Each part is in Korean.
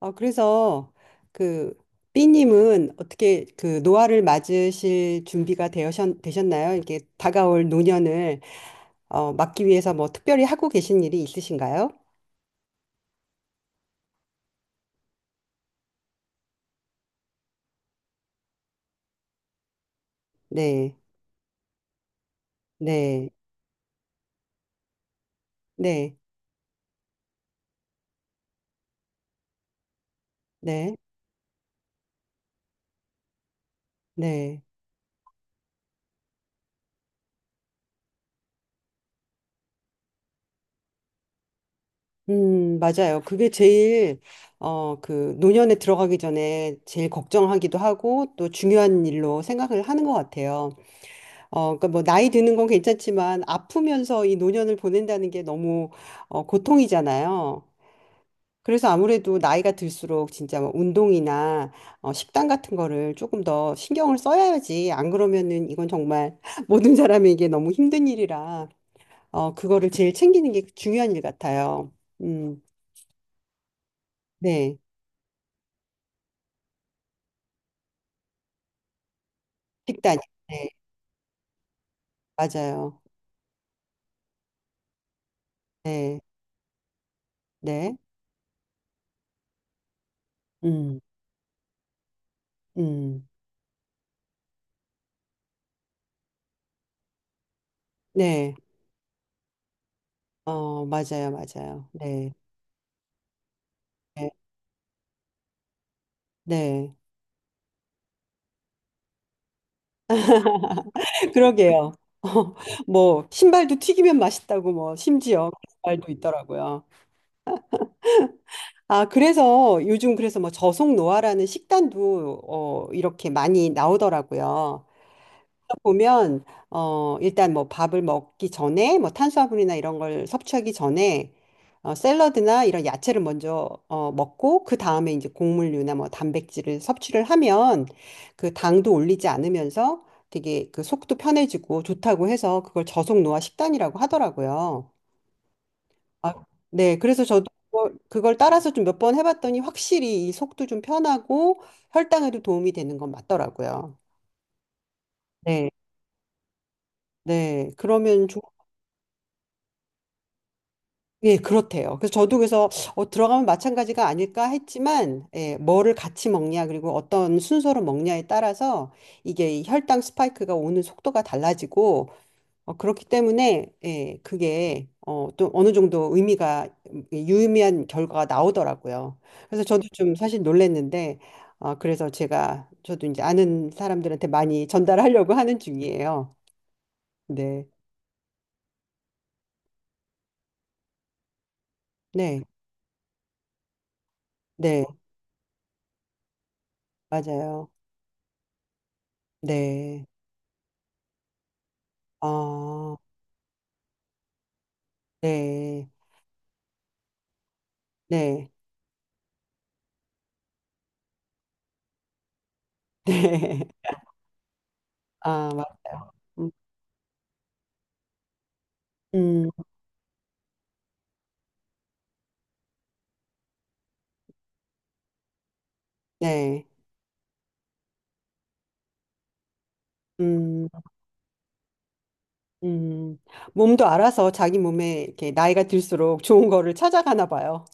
그래서 그 B님은 어떻게 그 노화를 맞으실 준비가 되셨나요? 이렇게 다가올 노년을 막기 위해서 뭐 특별히 하고 계신 일이 있으신가요? 네, 네, 네, 네, 네. 맞아요. 그게 제일 그 노년에 들어가기 전에 제일 걱정하기도 하고 또 중요한 일로 생각을 하는 것 같아요. 그러니까 뭐 나이 드는 건 괜찮지만 아프면서 이 노년을 보낸다는 게 너무 고통이잖아요. 그래서 아무래도 나이가 들수록 진짜 뭐 운동이나 식단 같은 거를 조금 더 신경을 써야지. 안 그러면은 이건 정말 모든 사람에게 너무 힘든 일이라 그거를 제일 챙기는 게 중요한 일 같아요. 음, 네. 식단. 네, 맞아요. 네, 네. 음, 음, 네. 어, 맞아요, 맞아요. 네, 네, 네. 그러게요. 뭐 신발도 튀기면 맛있다고 뭐 심지어 신발 말도 있더라고요. 아, 그래서 요즘 그래서 뭐 저속 노화라는 식단도 이렇게 많이 나오더라고요. 보면 일단 뭐 밥을 먹기 전에 뭐 탄수화물이나 이런 걸 섭취하기 전에 샐러드나 이런 야채를 먼저 먹고 그 다음에 이제 곡물류나 뭐 단백질을 섭취를 하면 그 당도 올리지 않으면서 되게 그 속도 편해지고 좋다고 해서 그걸 저속 노화 식단이라고 하더라고요. 아, 네, 그래서 저도 그걸 따라서 좀 몇 번 해봤더니 확실히 이 속도 좀 편하고 혈당에도 도움이 되는 건 맞더라고요. 네, 네. 그러면 좋 예, 그렇대요. 그래서 저도 그래서 들어가면 마찬가지가 아닐까 했지만, 예, 뭐를 같이 먹냐, 그리고 어떤 순서로 먹냐에 따라서 이게 이 혈당 스파이크가 오는 속도가 달라지고, 그렇기 때문에, 예, 그게 또 어느 정도 의미가, 예, 유의미한 결과가 나오더라고요. 그래서 저도 좀 사실 놀랐는데, 그래서 저도 이제 아는 사람들한테 많이 전달하려고 하는 중이에요. 네, 네, 네, 맞아요. 네. 아. 네, 네, 네. 아, 음, 음, 네, 음, 음. 몸도 알아서 자기 몸에 이렇게 나이가 들수록 좋은 거를 찾아가나 봐요.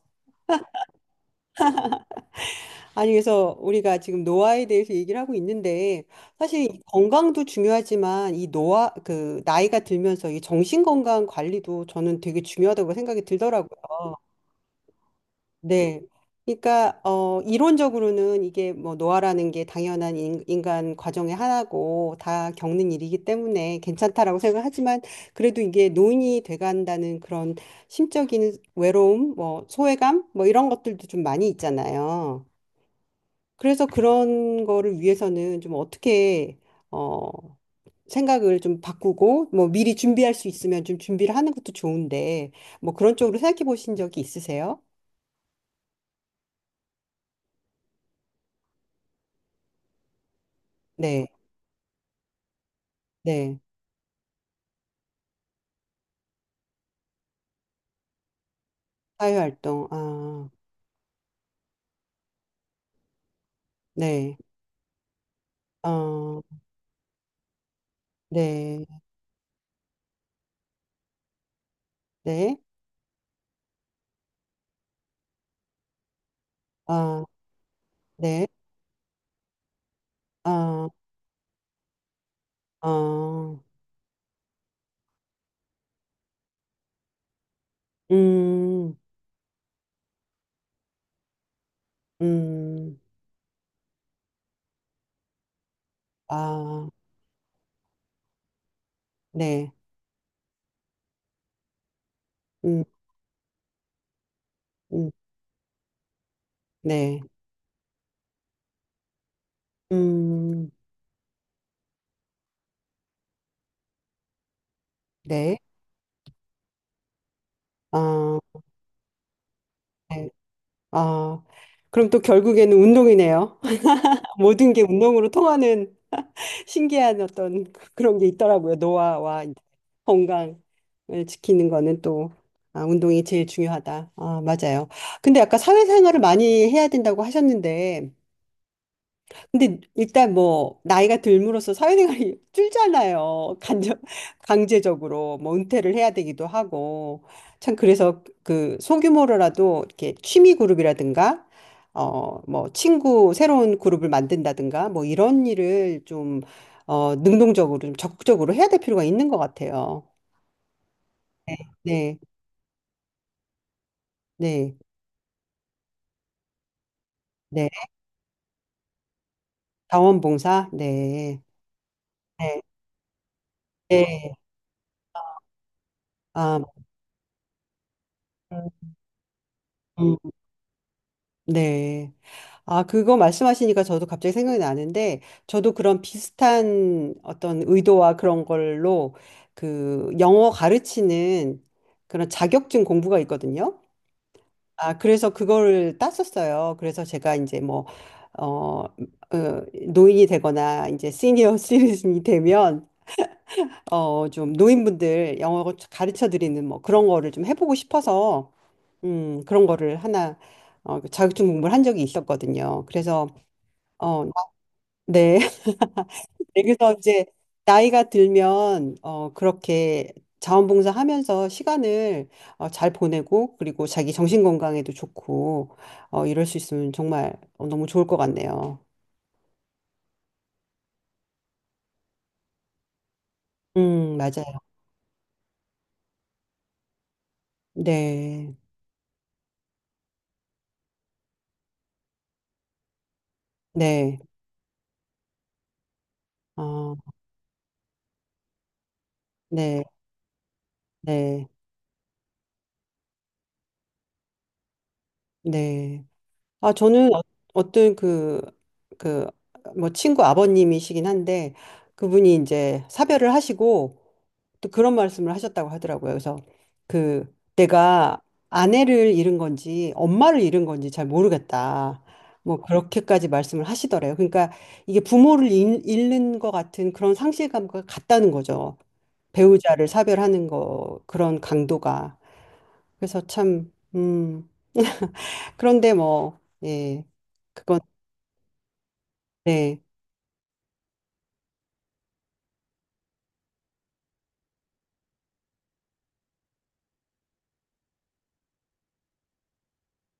아니, 그래서 우리가 지금 노화에 대해서 얘기를 하고 있는데, 사실 이 건강도 중요하지만 이 노화, 나이가 들면서 이 정신 건강 관리도 저는 되게 중요하다고 생각이 들더라고요. 네. 그러니까 이론적으로는 이게 뭐 노화라는 게 당연한 인간 과정의 하나고 다 겪는 일이기 때문에 괜찮다라고 생각하지만, 그래도 이게 노인이 돼간다는 그런 심적인 외로움, 뭐 소외감, 뭐 이런 것들도 좀 많이 있잖아요. 그래서 그런 거를 위해서는 좀 어떻게 어 생각을 좀 바꾸고 뭐 미리 준비할 수 있으면 좀 준비를 하는 것도 좋은데, 뭐 그런 쪽으로 생각해 보신 적이 있으세요? 네. 네. 사회활동, 아, 네, 어, 네, 네, 아, 네, 아, 아, 음, 음, 아, 네, 음, 음, 네, 음, 네, 아, 네. 아, 그럼 또 결국에는 운동이네요. 모든 게 운동으로 통하는 신기한 어떤 그런 게 있더라고요. 노화와 건강을 지키는 거는 또, 아, 운동이 제일 중요하다. 아, 맞아요. 근데 아까 사회생활을 많이 해야 된다고 하셨는데 근데 일단 뭐 나이가 들므로써 사회생활이 줄잖아요. 간접 강제적으로 뭐 은퇴를 해야 되기도 하고, 참 그래서 그 소규모로라도 이렇게 취미 그룹이라든가 뭐 친구 새로운 그룹을 만든다든가 뭐 이런 일을 좀 능동적으로 좀 적극적으로 해야 될 필요가 있는 것 같아요. 네, 네, 네, 네. 자원봉사, 네, 네, 네. 아, 음, 음, 네. 아, 그거 말씀하시니까 저도 갑자기 생각이 나는데, 저도 그런 비슷한 어떤 의도와 그런 걸로 그 영어 가르치는 그런 자격증 공부가 있거든요. 아, 그래서 그거를 땄었어요. 그래서 제가 이제 뭐, 어, 어, 노인이 되거나 이제 시니어 시리즌이 되면, 좀 노인분들 영어 가르쳐 드리는 뭐 그런 거를 좀 해보고 싶어서, 그런 거를 그 자격증 공부를 한 적이 있었거든요. 그래서 어, 네. 그래서 이제 나이가 들면 그렇게 자원봉사 하면서 시간을 잘 보내고, 그리고 자기 정신 건강에도 좋고 이럴 수 있으면 정말 너무 좋을 것 같네요. 맞아요. 네. 네. 어, 네. 네. 네. 아, 저는 어떤 그, 뭐, 친구 아버님이시긴 한데, 그분이 이제 사별을 하시고, 또 그런 말씀을 하셨다고 하더라고요. 그래서 그 내가 아내를 잃은 건지 엄마를 잃은 건지 잘 모르겠다. 뭐 그렇게까지 말씀을 하시더래요. 그러니까 이게 부모를 잃는 것 같은 그런 상실감과 같다는 거죠. 배우자를 사별하는 거 그런 강도가. 그래서 참 그런데 뭐 예. 그건 네.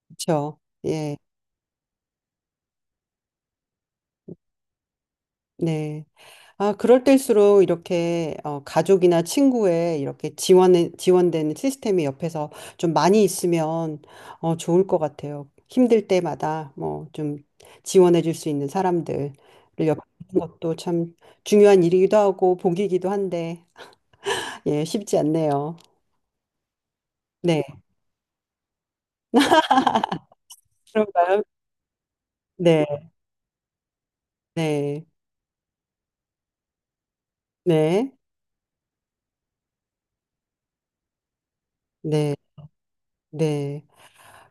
그렇죠. 예. 네. 아, 그럴 때일수록 이렇게 가족이나 친구의 이렇게 지원되는 시스템이 옆에서 좀 많이 있으면 좋을 것 같아요. 힘들 때마다 뭐 좀 지원해 줄 수 있는 사람들을 옆에 있는 것도 참 중요한 일이기도 하고 복이기도 한데, 예, 쉽지 않네요. 네. 그런가요? 네, 네, 네, 네, 네.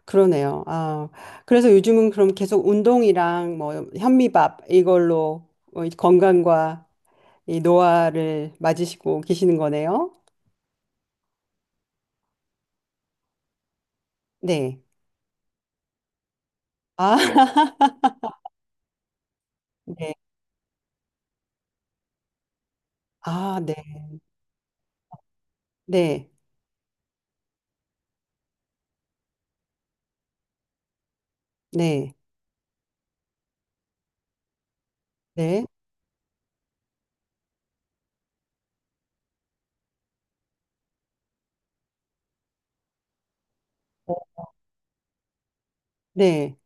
그러네요. 아, 그래서 요즘은 그럼 계속 운동이랑 뭐 현미밥 이걸로 이 건강과 이 노화를 맞으시고 계시는 거네요. 네. 아, 네. 네. 아, 네. 네. 네. 네. 네.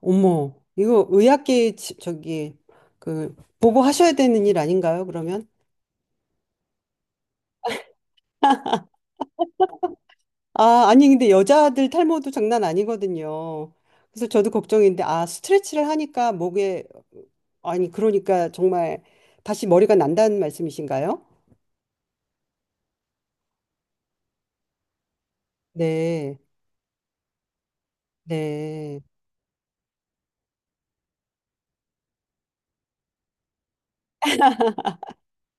어머, 이거 의학계 저기 그 보고하셔야 되는 일 아닌가요, 그러면? 아, 아니, 근데 여자들 탈모도 장난 아니거든요. 그래서 저도 걱정인데, 아, 스트레치를 하니까 목에, 아니, 그러니까 정말 다시 머리가 난다는 말씀이신가요? 네, 네.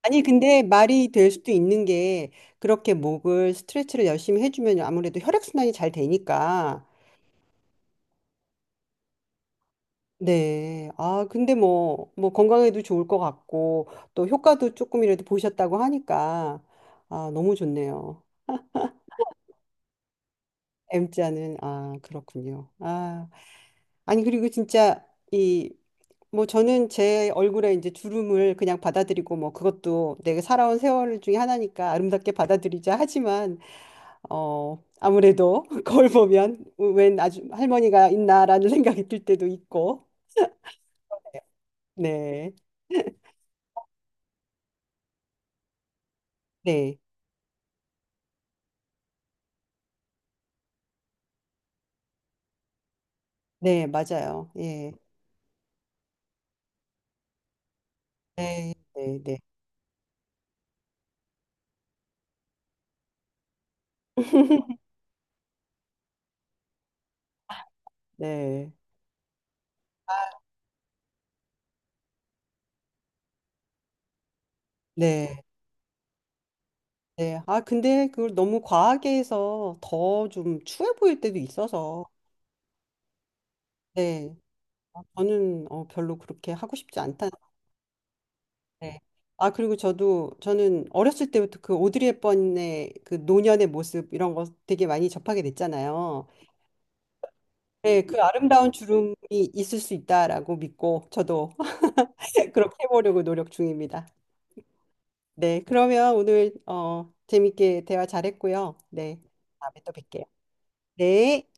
아니, 근데 말이 될 수도 있는 게, 그렇게 목을 스트레치를 열심히 해주면 아무래도 혈액순환이 잘 되니까, 네. 아, 근데 뭐, 건강에도 좋을 것 같고, 또 효과도 조금이라도 보셨다고 하니까, 아, 너무 좋네요. M자는 아, 그렇군요. 아, 아니, 그리고 진짜 이 뭐 저는 제 얼굴에 이제 주름을 그냥 받아들이고 뭐 그것도 내가 살아온 세월 중에 하나니까 아름답게 받아들이자 하지만, 아무래도 거울 보면 웬 아주 할머니가 있나라는 생각이 들 때도 있고. 네. 네. 네, 맞아요. 예. 네. 네, 네. 네. 아, 네, 네. 아, 근데 그걸 너무 과하게 해서 더 좀 추해 보일 때도 있어서. 네. 아, 저는 별로 그렇게 하고 싶지 않다는데. 아, 그리고 저는 어렸을 때부터 그 오드리 헵번의 그 노년의 모습 이런 거 되게 많이 접하게 됐잖아요. 네, 그 아름다운 주름이 있을 수 있다라고 믿고 저도 그렇게 해보려고 노력 중입니다. 네, 그러면 오늘 재밌게 대화 잘했고요. 네, 다음에 또 뵐게요. 네.